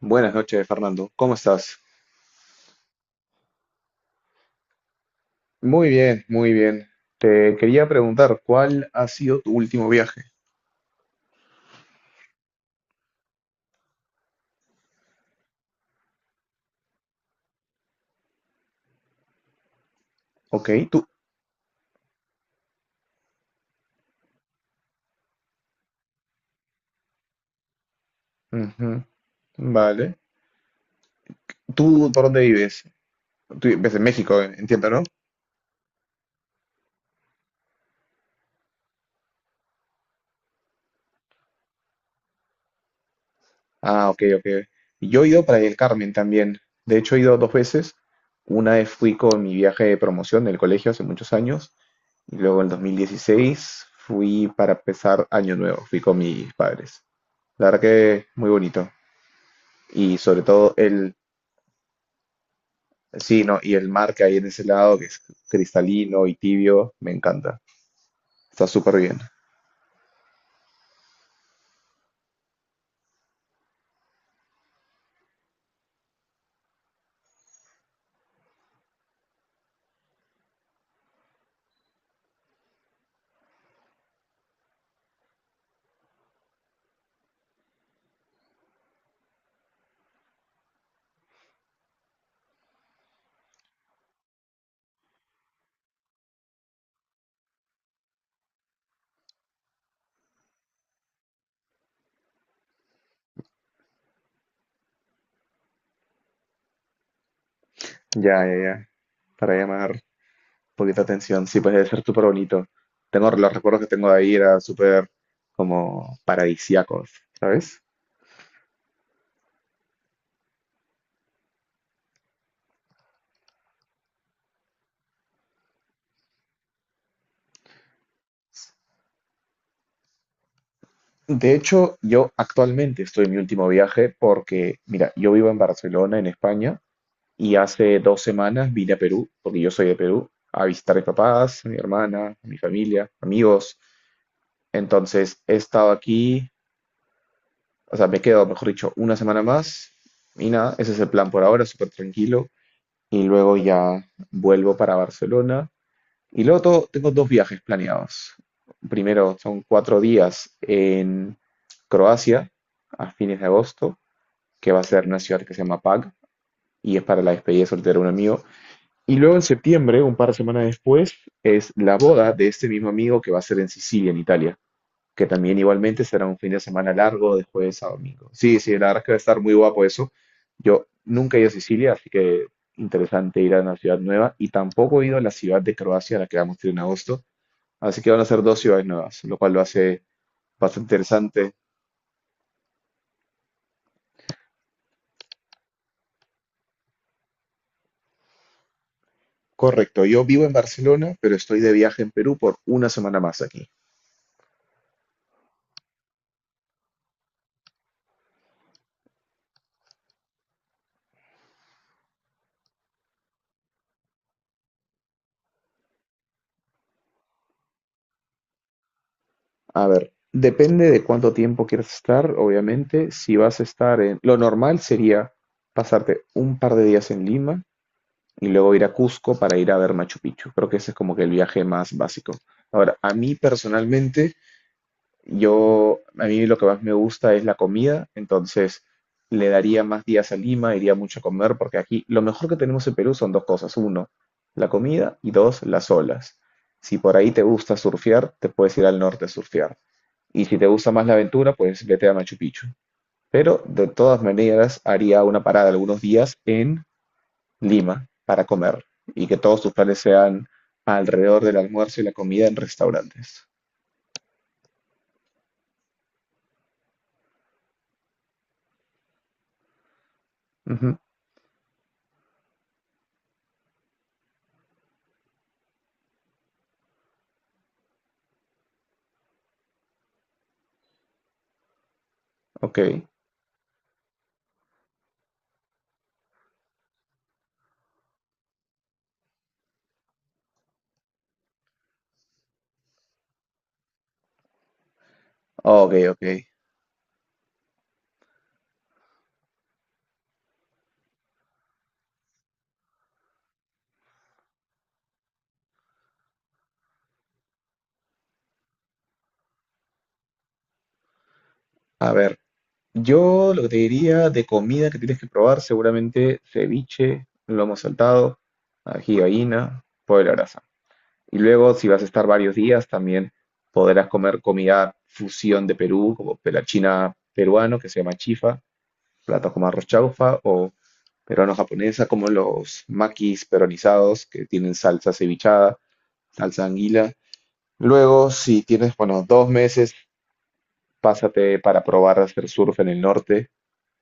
Buenas noches, Fernando. ¿Cómo estás? Muy bien, muy bien. Te quería preguntar, ¿cuál ha sido tu último viaje? Ok, tú. Ujú. Vale. ¿Tú por dónde vives? Tú vives en México, entiendo, ¿no? Ah, ok, ok. Yo he ido para el Carmen también. De hecho, he ido 2 veces. Una vez fui con mi viaje de promoción del colegio hace muchos años. Y luego en 2016 fui para empezar Año Nuevo. Fui con mis padres. La verdad que muy bonito. Y sobre todo el. Sí, no, y el mar que hay en ese lado, que es cristalino y tibio, me encanta. Está súper bien. Ya, ya, ya. Para llamar poquita atención, sí, pues debe ser súper bonito. Tengo los recuerdos que tengo de ahí, era súper como paradisíacos, ¿sabes? De hecho, yo actualmente estoy en mi último viaje porque, mira, yo vivo en Barcelona, en España, y hace 2 semanas vine a Perú, porque yo soy de Perú, a visitar a mis papás, a mi hermana, a mi familia, amigos. Entonces, he estado aquí, o sea, me quedo, mejor dicho, una semana más y nada, ese es el plan por ahora, súper tranquilo. Y luego ya vuelvo para Barcelona. Y luego tengo dos viajes planeados. Primero, son 4 días en Croacia a fines de agosto, que va a ser una ciudad que se llama Pag y es para la despedida de soltero de un amigo. Y luego en septiembre, un par de semanas después, es la boda de este mismo amigo que va a ser en Sicilia, en Italia, que también igualmente será un fin de semana largo de jueves a domingo. Sí, sí, la verdad es que va a estar muy guapo eso. Yo nunca he ido a Sicilia, así que interesante ir a una ciudad nueva y tampoco he ido a la ciudad de Croacia, a la que vamos a ir en agosto, así que van a ser dos ciudades nuevas, lo cual lo hace bastante interesante. Correcto, yo vivo en Barcelona, pero estoy de viaje en Perú por una semana más aquí. A ver, depende de cuánto tiempo quieras estar, obviamente, si vas a estar en. Lo normal sería pasarte un par de días en Lima, y luego ir a Cusco para ir a ver Machu Picchu. Creo que ese es como que el viaje más básico. Ahora, a mí personalmente, a mí lo que más me gusta es la comida, entonces le daría más días a Lima, iría mucho a comer, porque aquí lo mejor que tenemos en Perú son dos cosas. Uno, la comida y dos, las olas. Si por ahí te gusta surfear, te puedes ir al norte a surfear. Y si te gusta más la aventura, pues vete a Machu Picchu. Pero de todas maneras haría una parada algunos días en Lima para comer y que todos tus planes sean alrededor del almuerzo y la comida en restaurantes. Ujú. Ok, ok, ok. A ver, yo lo que te diría de comida que tienes que probar, seguramente ceviche, lomo saltado, ají de gallina, pollo a la brasa. Y luego, si vas a estar varios días, también podrás comer comida fusión de Perú, como pela china peruano, que se llama chifa, platos como arroz chaufa peruano-japonesa, como los makis peronizados que tienen salsa cevichada, salsa anguila. Luego, si tienes, bueno, 2 meses, pásate para probar a hacer surf en el norte,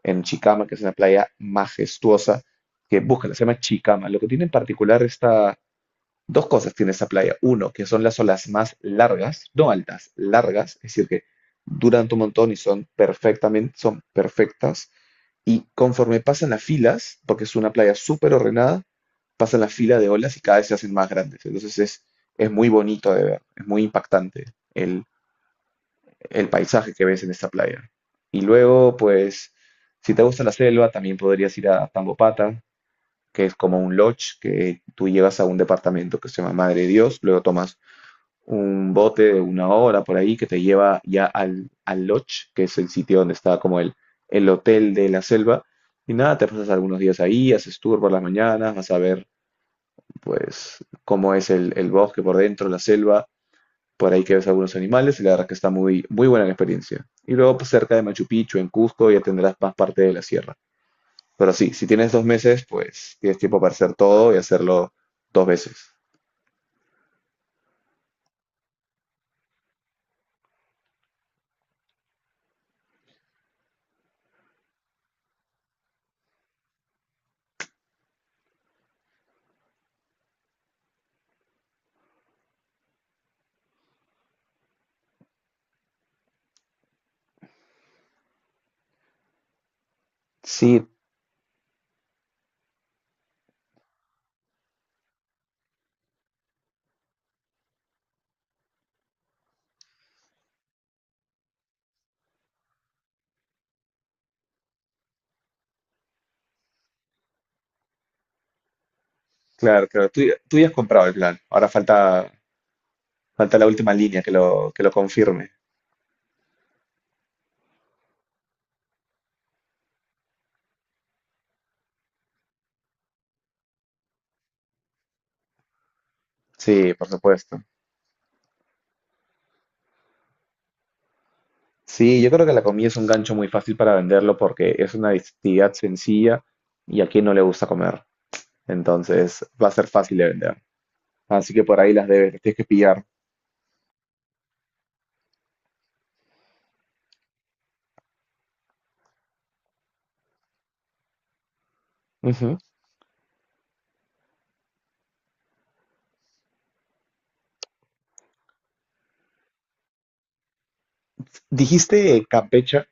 en Chicama, que es una playa majestuosa, que búscala, se llama Chicama. Lo que tiene en particular esta, dos cosas tiene esta playa. Uno, que son las olas más largas, no altas, largas, es decir, que duran un montón y son perfectamente, son perfectas. Y conforme pasan las filas, porque es una playa súper ordenada, pasan la fila de olas y cada vez se hacen más grandes. Entonces es muy bonito de ver, es muy impactante el, el paisaje que ves en esta playa. Y luego, pues, si te gusta la selva, también podrías ir a Tambopata, que es como un lodge, que tú llegas a un departamento que se llama Madre de Dios, luego tomas un bote de una hora por ahí que te lleva ya al lodge, que es el sitio donde está como el hotel de la selva. Y nada, te pasas algunos días ahí, haces tour por las mañanas, vas a ver pues cómo es el bosque por dentro, la selva, por ahí que ves algunos animales y la verdad es que está muy, muy buena la experiencia. Y luego pues, cerca de Machu Picchu, en Cusco, ya tendrás más parte de la sierra. Pero sí, si tienes 2 meses, pues tienes tiempo para hacer todo y hacerlo 2 veces. Sí, claro, claro. Ya tú ya has comprado el plan. Ahora falta la última línea que lo confirme. Sí, por supuesto. Sí, yo creo que la comida es un gancho muy fácil para venderlo porque es una actividad sencilla y a quien no le gusta comer. Entonces va a ser fácil de vender. Así que por ahí las tienes que pillar. Ujú. Dijiste Campecha,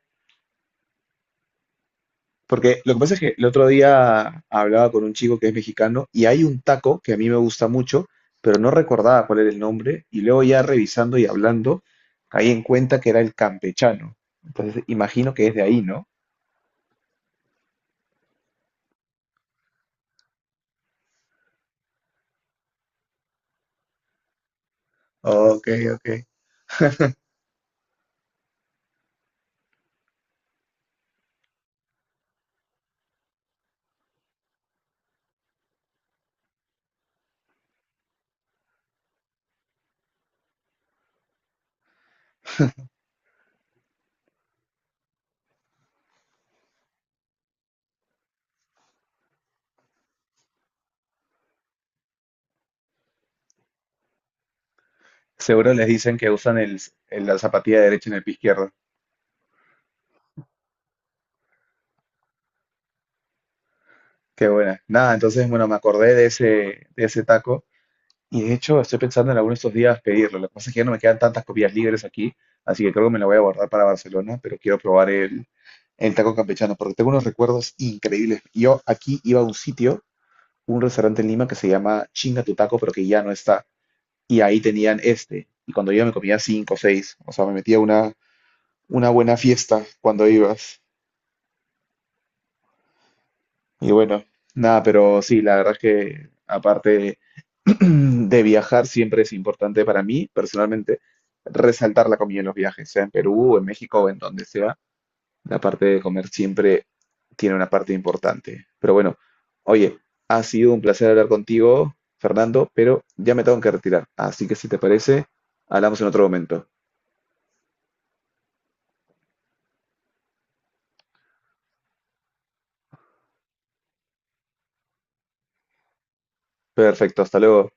porque lo que pasa es que el otro día hablaba con un chico que es mexicano y hay un taco que a mí me gusta mucho, pero no recordaba cuál era el nombre y luego ya revisando y hablando, caí en cuenta que era el campechano. Entonces imagino que es de ahí, ¿no? Ok, ok. Seguro les dicen que usan el, la zapatilla derecha en el pie izquierdo. Qué buena. Nada, entonces, bueno, me acordé de ese taco. Y de hecho, estoy pensando en alguno de estos días pedirlo. Lo que pasa es que ya no me quedan tantas copias libres aquí, así que creo que me la voy a guardar para Barcelona, pero quiero probar el taco campechano porque tengo unos recuerdos increíbles. Yo aquí iba a un sitio, un restaurante en Lima que se llama Chinga tu taco, pero que ya no está. Y ahí tenían este. Y cuando iba me comía cinco o seis. O sea, me metía una buena fiesta cuando ibas. Y bueno, nada, pero sí, la verdad es que aparte de viajar siempre es importante para mí, personalmente, resaltar la comida en los viajes, sea en Perú, en México o en donde sea. La parte de comer siempre tiene una parte importante. Pero bueno, oye, ha sido un placer hablar contigo, Fernando, pero ya me tengo que retirar. Así que si te parece, hablamos en otro momento. Perfecto, hasta luego.